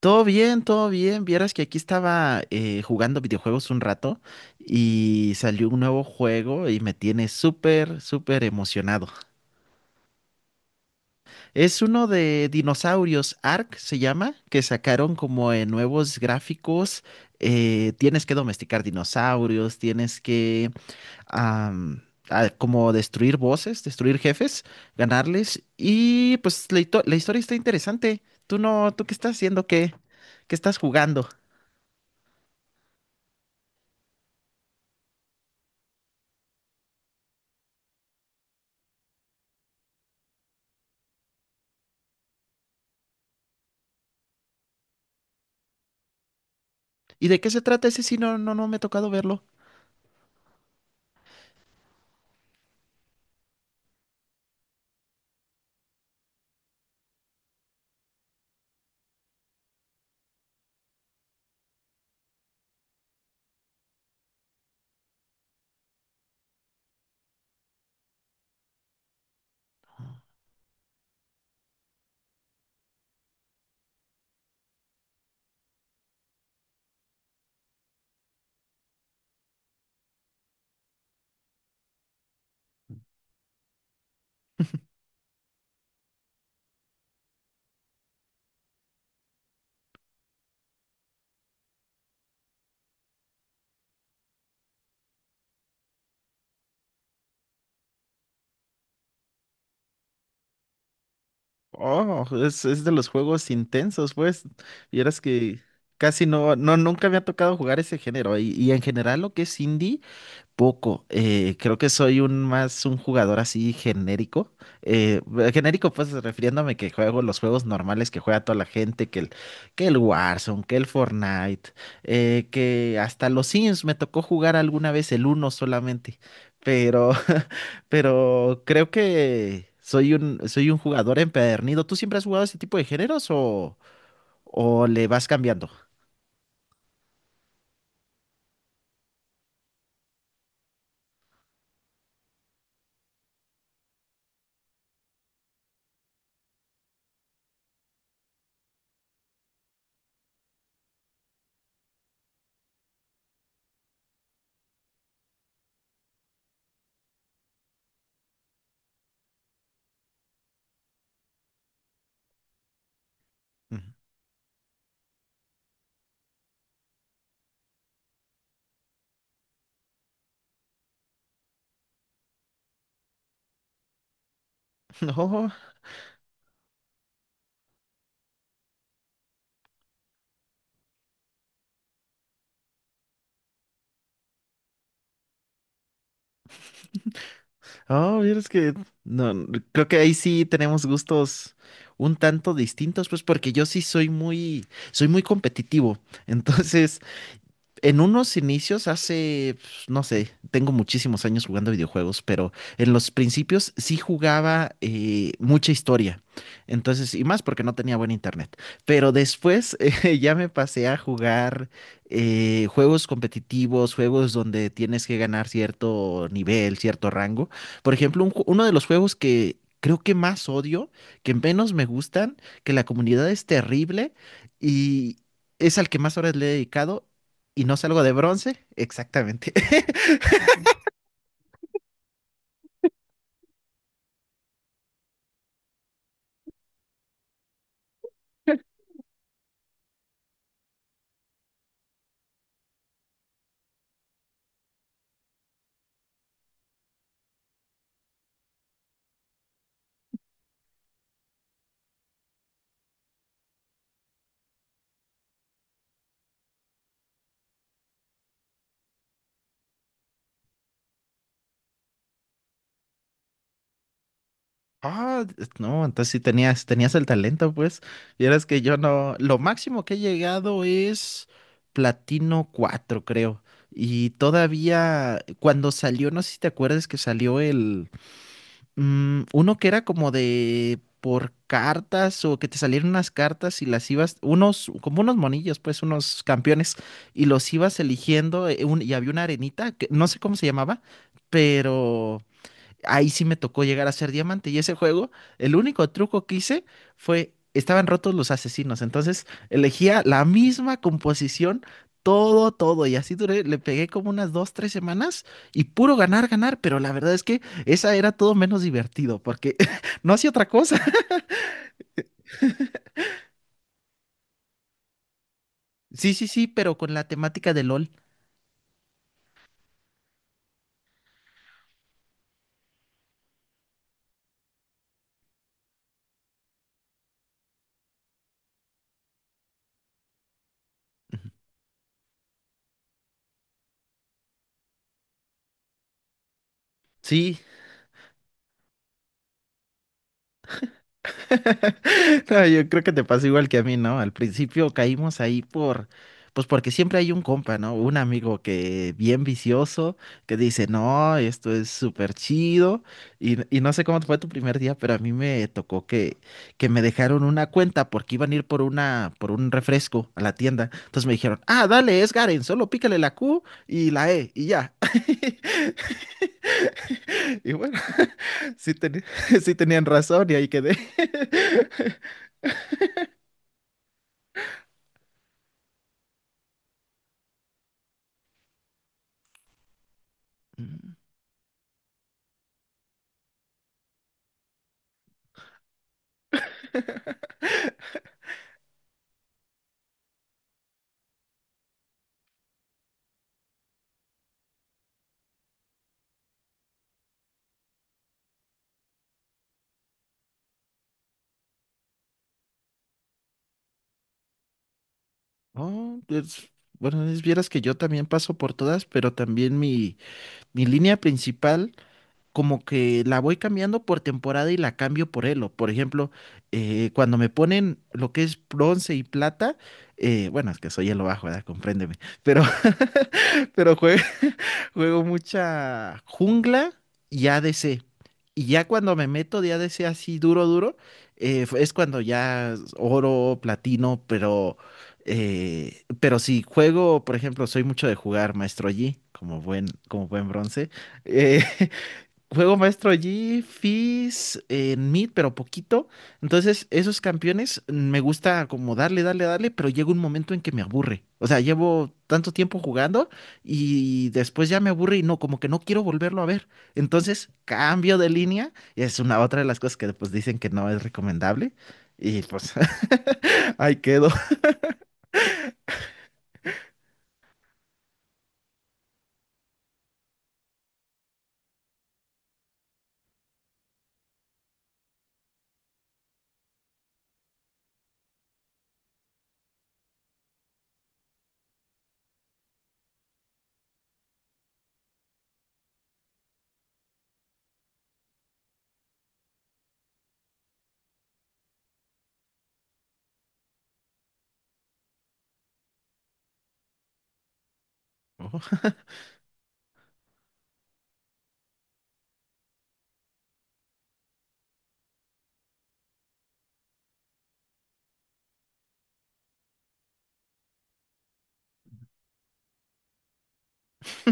Todo bien, todo bien. Vieras que aquí estaba jugando videojuegos un rato y salió un nuevo juego y me tiene súper, súper emocionado. Es uno de dinosaurios, Ark se llama, que sacaron como en nuevos gráficos. Tienes que domesticar dinosaurios, tienes que am, como destruir bosses, destruir jefes, ganarles. Y pues la historia está interesante. ¿Tú no, tú qué estás haciendo? ¿Qué, qué estás jugando? ¿Y de qué se trata ese? Sí, no, no, no me ha tocado verlo. Oh, es de los juegos intensos, pues. Vieras que casi no, no, nunca me ha tocado jugar ese género. Y en general lo que es indie. Poco, creo que soy un más un jugador así genérico. Genérico, pues refiriéndome que juego los juegos normales que juega toda la gente, que el Warzone, que el Fortnite, que hasta los Sims me tocó jugar alguna vez el uno solamente. Pero, pero creo que soy soy un jugador empedernido. ¿Tú siempre has jugado ese tipo de géneros o le vas cambiando? Ujú. No. Oh, es que no, no, creo que ahí sí tenemos gustos un tanto distintos, pues porque yo sí soy muy competitivo. Entonces, en unos inicios, hace, pues, no sé, tengo muchísimos años jugando videojuegos, pero en los principios sí jugaba mucha historia. Entonces, y más porque no tenía buen internet. Pero después ya me pasé a jugar juegos competitivos, juegos donde tienes que ganar cierto nivel, cierto rango. Por ejemplo, uno de los juegos que creo que más odio, que menos me gustan, que la comunidad es terrible y es al que más horas le he dedicado y no salgo de bronce, exactamente. Ah, no, entonces sí tenías el talento, pues. Y eras que yo no, lo máximo que he llegado es platino 4 creo. Y todavía, cuando salió, no sé si te acuerdas que salió uno que era como de por cartas o que te salieron unas cartas y las ibas, unos, como unos monillos, pues, unos campeones, y los ibas eligiendo, y había una arenita, que no sé cómo se llamaba, pero ahí sí me tocó llegar a ser diamante. Y ese juego, el único truco que hice fue, estaban rotos los asesinos. Entonces elegía la misma composición, todo, todo. Y así duré, le pegué como unas dos, tres semanas y puro ganar, ganar. Pero la verdad es que esa era todo menos divertido porque no hacía otra cosa. Sí, sí, sí, pero con la temática de LOL. Sí, no, yo creo que te pasa igual que a mí, ¿no? Al principio caímos ahí por, pues porque siempre hay un compa, ¿no? Un amigo que bien vicioso, que dice, no, esto es súper chido. Y no sé cómo fue tu primer día, pero a mí me tocó que me dejaron una cuenta porque iban a ir por una, por un refresco a la tienda. Entonces me dijeron, ah, dale, es Garen, solo pícale la Q y la E y ya. Y bueno, sí, sí tenían razón y ahí quedé. Oh, pues, bueno, es vieras que yo también paso por todas, pero también mi línea principal, como que la voy cambiando por temporada y la cambio por elo. Por ejemplo, cuando me ponen lo que es bronce y plata, bueno, es que soy elo bajo, ¿verdad? Compréndeme. Pero, pero juego juego mucha jungla y ADC. Y ya cuando me meto de ADC así duro, duro, es cuando ya es oro, platino, pero si juego, por ejemplo, soy mucho de jugar Maestro Yi, como buen bronce. eh, Juego maestro allí, Fizz, en mid, pero poquito. Entonces, esos campeones me gusta como darle, darle, darle, pero llega un momento en que me aburre. O sea, llevo tanto tiempo jugando y después ya me aburre y no, como que no quiero volverlo a ver. Entonces, cambio de línea. Y es una otra de las cosas que pues dicen que no es recomendable. Y pues ahí quedo.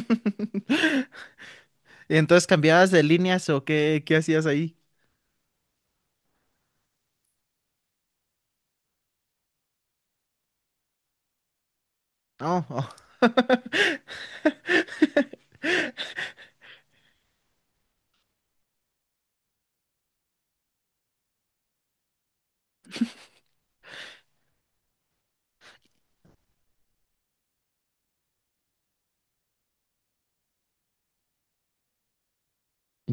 Y entonces, ¿cambiabas de líneas o qué, qué hacías ahí? No.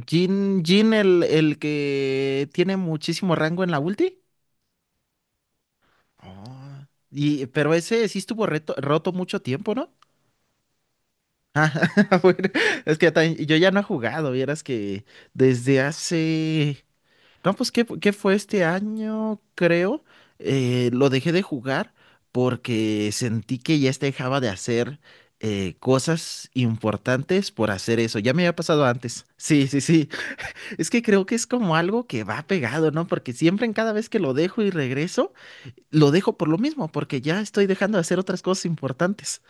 Jin, Jin el que tiene muchísimo rango en la ulti. Ah. Y, pero ese sí estuvo roto mucho tiempo, ¿no? Ah, bueno, es que yo ya no he jugado, vieras que desde hace... No, pues, ¿qué, qué fue este año? Creo. Lo dejé de jugar porque sentí que ya se dejaba de hacer cosas importantes por hacer eso. Ya me había pasado antes. Sí, sí, sí. Es que creo que es como algo que va pegado, ¿no? Porque siempre en cada vez que lo dejo y regreso, lo dejo por lo mismo, porque ya estoy dejando de hacer otras cosas importantes.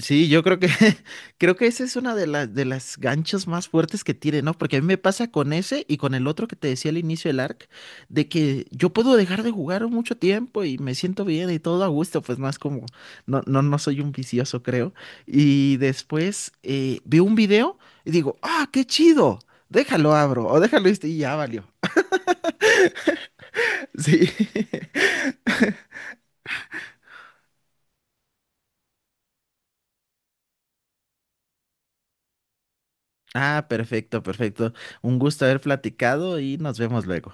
Sí, yo creo que creo que esa es una de las ganchos más fuertes que tiene, ¿no? Porque a mí me pasa con ese y con el otro que te decía al inicio del arc, de que yo puedo dejar de jugar mucho tiempo y me siento bien y todo a gusto, pues no es como, no, no, no soy un vicioso, creo. Y después veo un video y digo, ah, qué chido, déjalo abro o déjalo este", y ya valió. Sí. Ah, perfecto, perfecto. Un gusto haber platicado y nos vemos luego.